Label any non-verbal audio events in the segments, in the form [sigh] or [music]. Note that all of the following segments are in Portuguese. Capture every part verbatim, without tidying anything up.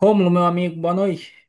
Rômulo, meu amigo, boa noite.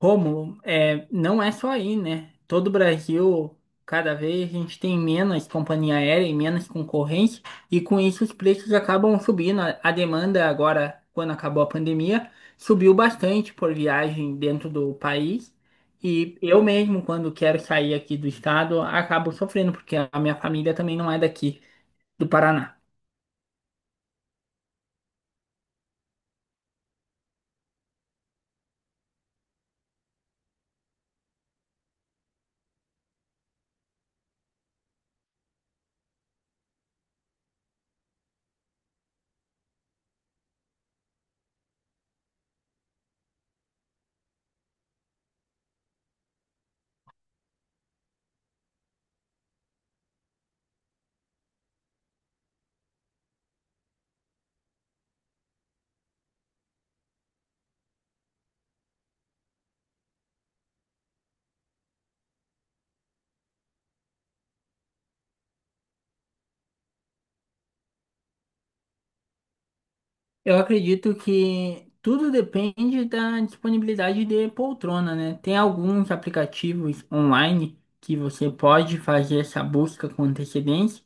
Rômulo, é, não é só aí, né? Todo o Brasil, cada vez a gente tem menos companhia aérea e menos concorrência, e com isso os preços acabam subindo. A a demanda agora, quando acabou a pandemia, subiu bastante por viagem dentro do país. E eu mesmo, quando quero sair aqui do estado, acabo sofrendo, porque a minha família também não é daqui, do Paraná. Eu acredito que tudo depende da disponibilidade de poltrona, né? Tem alguns aplicativos online que você pode fazer essa busca com antecedência.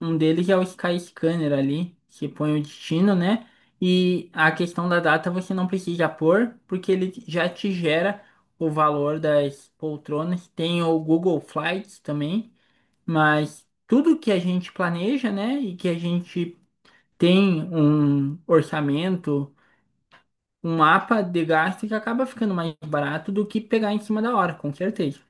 Um deles é o Sky Scanner ali, você põe o destino, né? E a questão da data você não precisa pôr, porque ele já te gera o valor das poltronas. Tem o Google Flights também, mas tudo que a gente planeja, né? E que a gente tem um orçamento, um mapa de gasto que acaba ficando mais barato do que pegar em cima da hora, com certeza.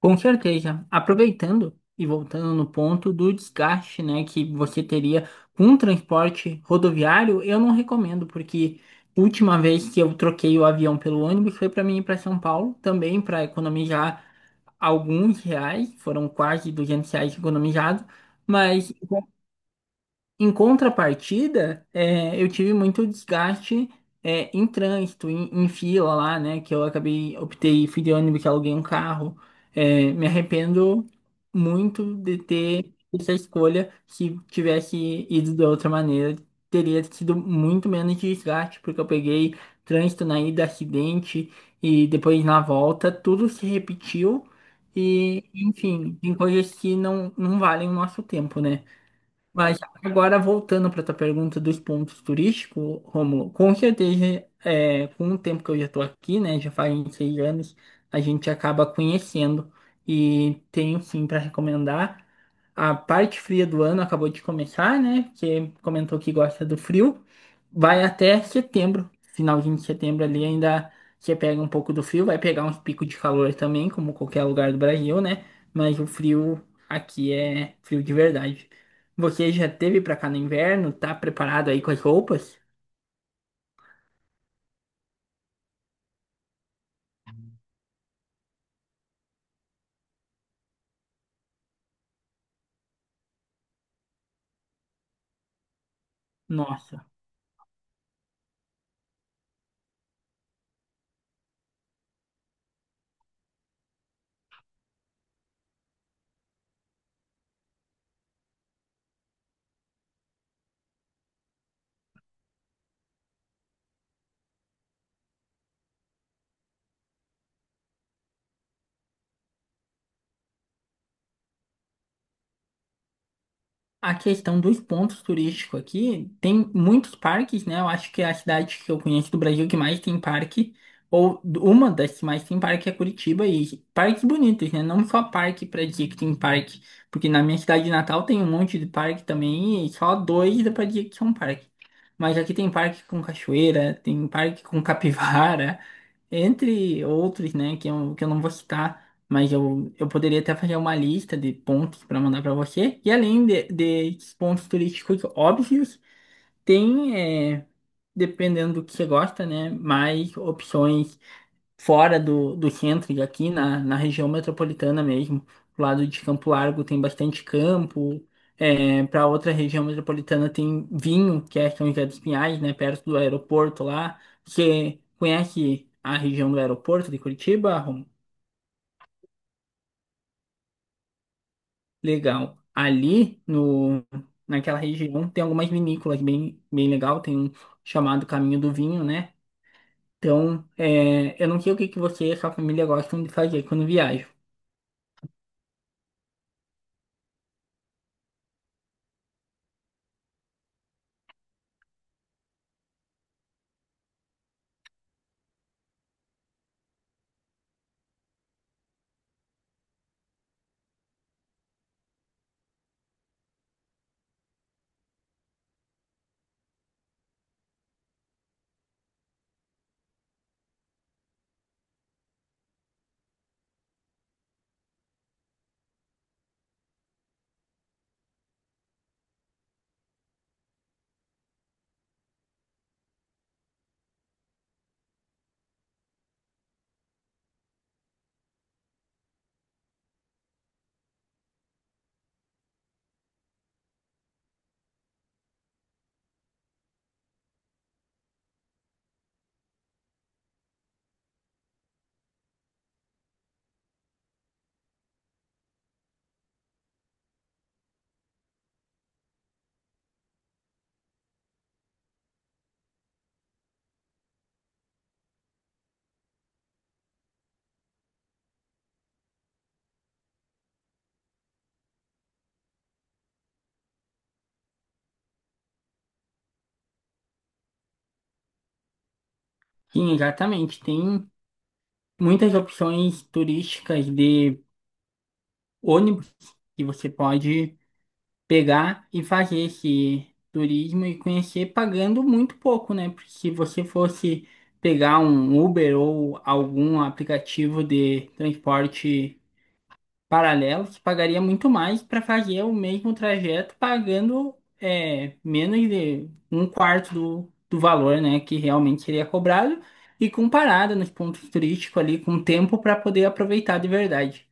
Com certeza. Aproveitando e voltando no ponto do desgaste, né, que você teria com o transporte rodoviário, eu não recomendo, porque última vez que eu troquei o avião pelo ônibus foi para mim ir para São Paulo, também para economizar alguns reais, foram quase duzentos reais economizados, mas Em contrapartida, é, eu tive muito desgaste é, em trânsito, em, em fila lá, né? Que eu acabei, optei, fui de ônibus, que aluguei um carro. É, me arrependo muito de ter feito essa escolha. Se tivesse ido de outra maneira, teria sido muito menos desgaste, porque eu peguei trânsito na ida, acidente, e depois na volta, tudo se repetiu. E, enfim, tem coisas que não, não valem o nosso tempo, né? Mas agora voltando para a tua pergunta dos pontos turísticos, Rômulo, com certeza, é, com o tempo que eu já estou aqui, né, já faz seis anos, a gente acaba conhecendo e tenho sim para recomendar. A parte fria do ano acabou de começar, né? Você comentou que gosta do frio, vai até setembro, finalzinho de setembro ali ainda você pega um pouco do frio, vai pegar uns picos de calor também, como qualquer lugar do Brasil, né? Mas o frio aqui é frio de verdade. Você já teve para cá no inverno? Tá preparado aí com as roupas? Nossa. A questão dos pontos turísticos aqui, tem muitos parques, né? Eu acho que é a cidade que eu conheço do Brasil que mais tem parque, ou uma das que mais tem parque é Curitiba, e parques bonitos, né? Não só parque pra dizer que tem parque, porque na minha cidade de Natal tem um monte de parque também, e só dois dá pra dizer que são parque. Mas aqui tem parque com cachoeira, tem parque com capivara, [laughs] entre outros, né? Que eu, que eu não vou citar. Mas eu, eu poderia até fazer uma lista de pontos para mandar para você. E além de, desses pontos turísticos óbvios, tem, é, dependendo do que você gosta, né, mais opções fora do, do centro e aqui na, na região metropolitana mesmo. Do lado de Campo Largo tem bastante campo. Para outra região metropolitana tem Vinho, que é São José dos Pinhais, né, perto do aeroporto lá. Você conhece a região do aeroporto de Curitiba, Romulo? Legal. Ali no, naquela região tem algumas vinícolas bem, bem legal, tem um chamado Caminho do Vinho, né? Então, é, eu não sei o que que você e a sua família gostam de fazer quando viajam. Sim, exatamente. Tem muitas opções turísticas de ônibus que você pode pegar e fazer esse turismo e conhecer pagando muito pouco, né? Porque se você fosse pegar um Uber ou algum aplicativo de transporte paralelos, pagaria muito mais para fazer o mesmo trajeto pagando é, menos de um quarto do, do valor, né, que realmente seria cobrado e com parada nos pontos turísticos ali, com tempo para poder aproveitar de verdade.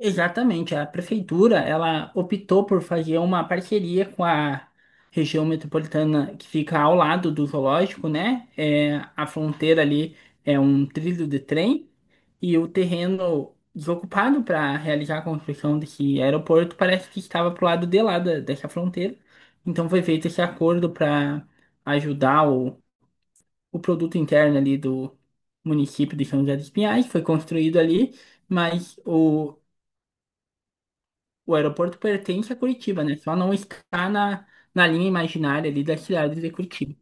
Exatamente, a prefeitura ela optou por fazer uma parceria com a região metropolitana que fica ao lado do zoológico, né? É, a fronteira ali é um trilho de trem e o terreno desocupado para realizar a construção desse aeroporto parece que estava para o lado de lá da- dessa fronteira. Então foi feito esse acordo para ajudar o, o produto interno ali do município de São José dos Pinhais, foi construído ali. Mas o, o aeroporto pertence a Curitiba, né? Só não está na, na linha imaginária ali da cidade de Curitiba.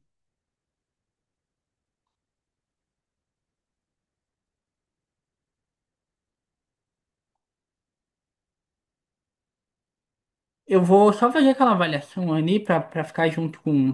Eu vou só fazer aquela avaliação ali para ficar junto com